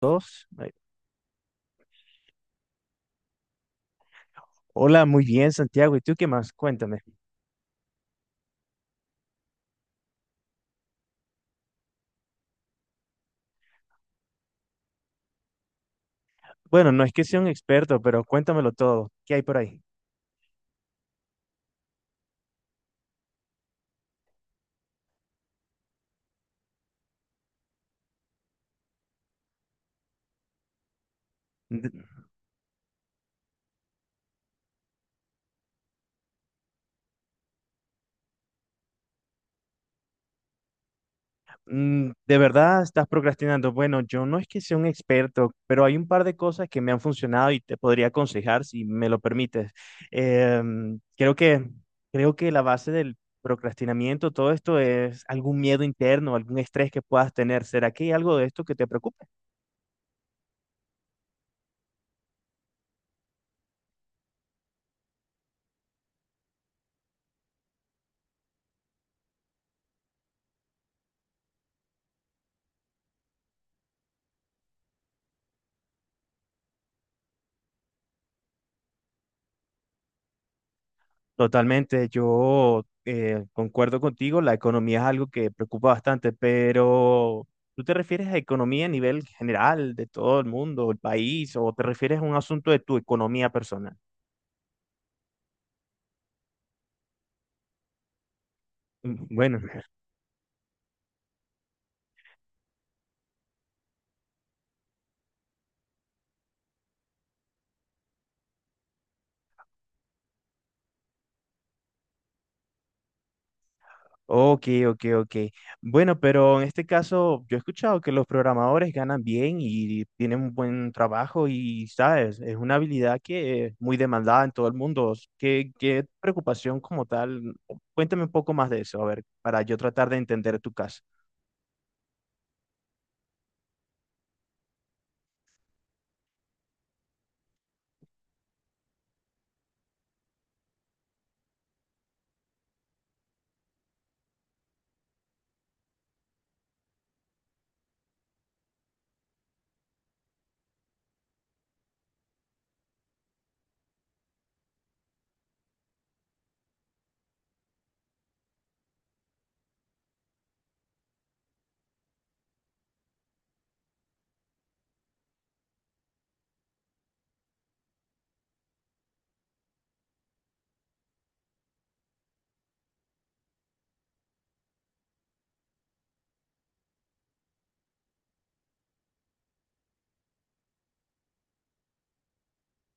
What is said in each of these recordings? Dos. Ay, hola, muy bien, Santiago. ¿Y tú qué más? Cuéntame. Bueno, no es que sea un experto, pero cuéntamelo todo. ¿Qué hay por ahí? De, mm, ¿de verdad estás procrastinando? Bueno, yo no es que sea un experto, pero hay un par de cosas que me han funcionado y te podría aconsejar si me lo permites. Creo que, creo que la base del procrastinamiento, todo esto es algún miedo interno, algún estrés que puedas tener. ¿Será que hay algo de esto que te preocupe? Totalmente, yo concuerdo contigo, la economía es algo que preocupa bastante, pero ¿tú te refieres a economía a nivel general de todo el mundo, el país, o te refieres a un asunto de tu economía personal? Mm, bueno. Ok, ok, ok. Bueno, pero en este caso yo he escuchado que los programadores ganan bien y tienen un buen trabajo y, sabes, es una habilidad que es muy demandada en todo el mundo. ¿Qué preocupación como tal? Cuéntame un poco más de eso, a ver, para yo tratar de entender tu caso.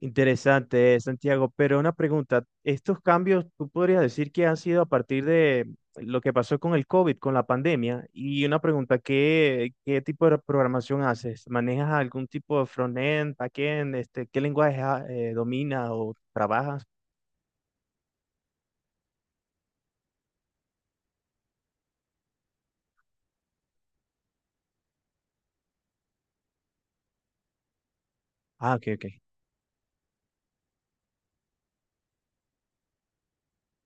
Interesante, Santiago, pero una pregunta, ¿estos cambios tú podrías decir que han sido a partir de lo que pasó con el COVID, con la pandemia? Y una pregunta, ¿qué tipo de programación haces? ¿Manejas algún tipo de front-end, back-end? Este, ¿qué lenguaje dominas o trabajas? Ah, ok, ok.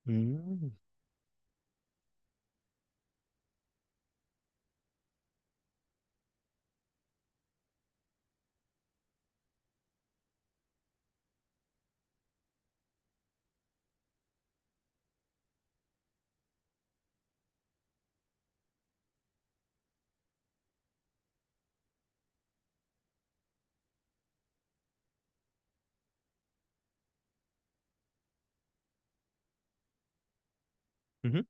Mm, ujú.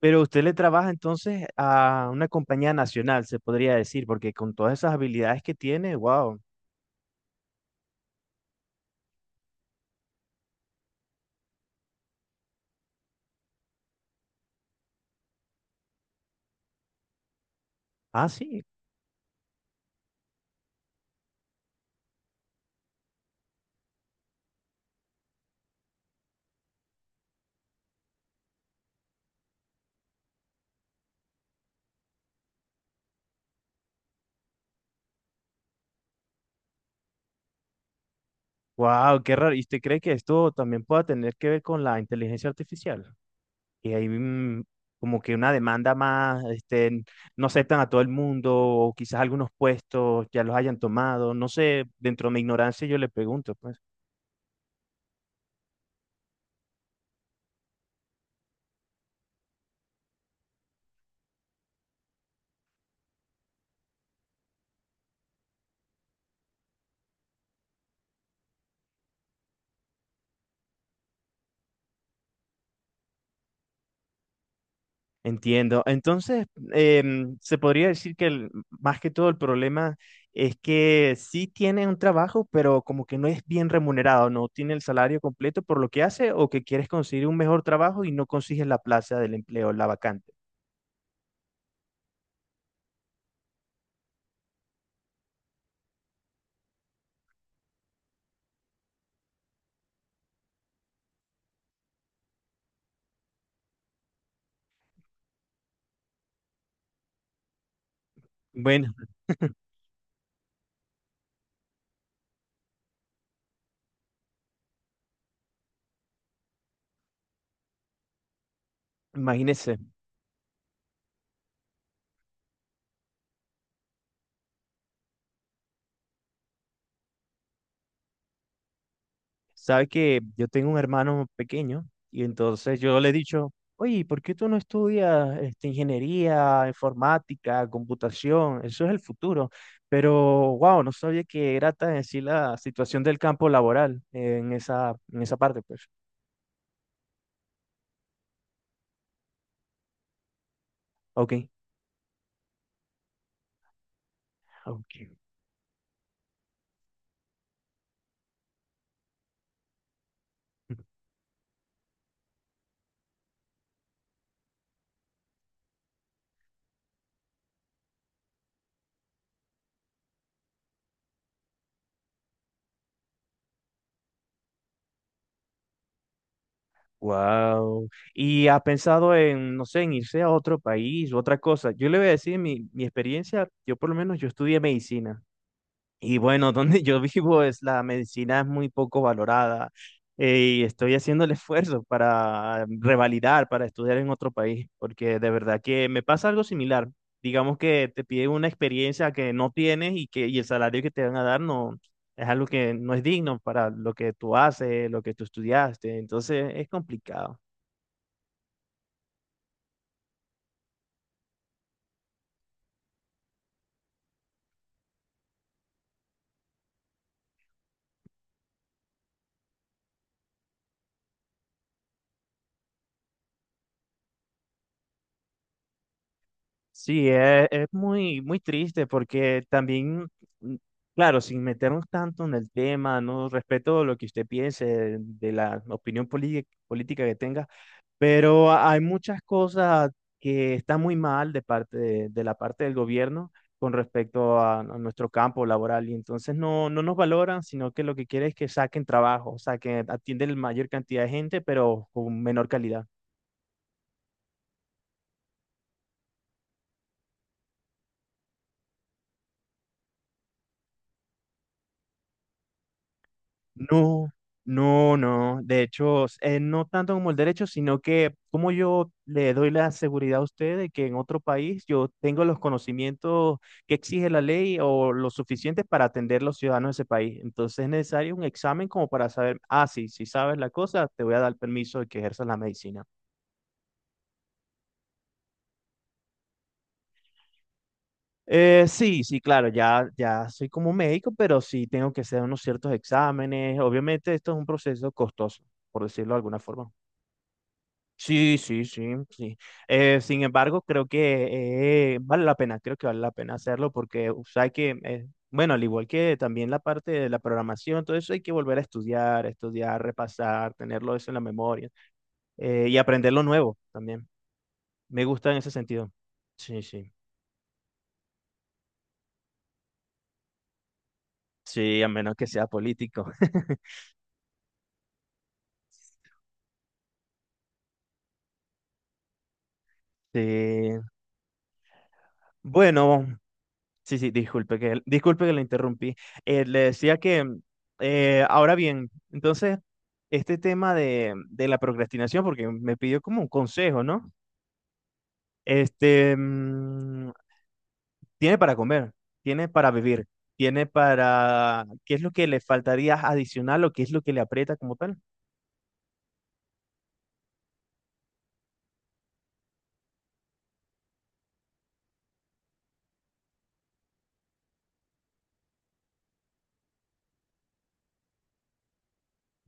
Pero usted le trabaja entonces a una compañía nacional, se podría decir, porque con todas esas habilidades que tiene, wow. Ah, sí. Wow, qué raro. ¿Y usted cree que esto también pueda tener que ver con la inteligencia artificial? Y hay mm, como que una demanda más, este, no aceptan a todo el mundo, o quizás algunos puestos ya los hayan tomado. No sé, dentro de mi ignorancia yo le pregunto, pues. Entiendo. Entonces, se podría decir que el- más que todo el problema es que sí tiene un trabajo, pero como que no es bien remunerado, no tiene el salario completo por lo que hace, o que quieres conseguir un mejor trabajo y no consigues la plaza del empleo, la vacante. Bueno, imagínese, sabe que yo tengo un hermano pequeño y entonces yo le he dicho, oye, ¿por qué tú no estudias este, ingeniería, informática, computación? Eso es el futuro. Pero, wow, no sabía que era tan así la situación del campo laboral en esa parte, pues. Ok, ok. Wow. ¿Y ha pensado en, no sé, en irse a otro país u otra cosa? Yo le voy a decir mi experiencia, yo por lo menos yo estudié medicina. Y bueno, donde yo vivo es la medicina es muy poco valorada y estoy haciendo el esfuerzo para revalidar, para estudiar en otro país, porque de verdad que me pasa algo similar. Digamos que te piden una experiencia que no tienes y que y el salario que te van a dar no es algo que no es digno para lo que tú haces, lo que tú estudiaste, entonces es complicado. Sí, es muy, muy triste porque también, mm, claro, sin meternos tanto en el tema, no respeto lo que usted piense de la opinión poli- política que tenga, pero hay muchas cosas que están muy mal de parte de la parte del gobierno con respecto a nuestro campo laboral y entonces no, no nos valoran, sino que lo que quiere es que saquen trabajo, o sea, que atienden la mayor cantidad de gente, pero con menor calidad. No, no, no. De hecho, s- no tanto como el derecho, sino que como yo le doy la seguridad a usted de que en otro país yo tengo los conocimientos que exige la ley o lo suficientes para atender los ciudadanos de ese país. Entonces es necesario un examen como para saber, ah, sí, si sabes la cosa, te voy a dar permiso de que ejerzas la medicina. Sí, sí, claro, ya, ya soy como médico, pero sí tengo que hacer unos ciertos exámenes. Obviamente esto es un proceso costoso, por decirlo de alguna forma. Sí, sí, sí, sí. Sin embargo, creo que vale la pena, creo que vale la pena hacerlo porque, o sea, hay que, bueno, al igual que también la parte de la programación, todo eso hay que volver a estudiar, estudiar, repasar, tenerlo eso en la memoria y aprender lo nuevo también. Me gusta en ese sentido. Sí, sí. Sí, a menos que sea político. Sí. Bueno, sí, sí, disculpe que le interrumpí. Le decía que, mm, ahora bien, entonces, este tema de la procrastinación, porque me pidió como un consejo, ¿no? Este, mm, tiene para comer, tiene para vivir, tiene para, ¿qué es lo que le faltaría adicional o qué es lo que le aprieta como tal?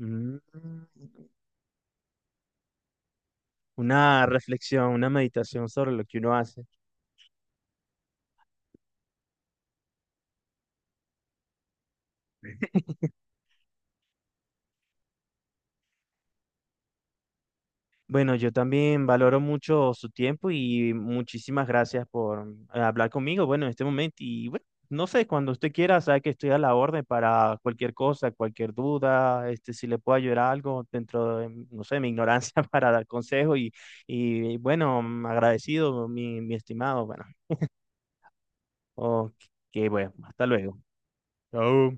Mm, una reflexión, una meditación sobre lo que uno hace. Bueno, yo también valoro mucho su tiempo y muchísimas gracias por hablar conmigo, bueno, en este momento. Y bueno, no sé, cuando usted quiera, sabe que estoy a la orden para cualquier cosa, cualquier duda, este, si le puedo ayudar algo dentro de, no sé, mi ignorancia para dar consejo y bueno, agradecido, mi estimado, bueno, ok, bueno, hasta luego. Chao.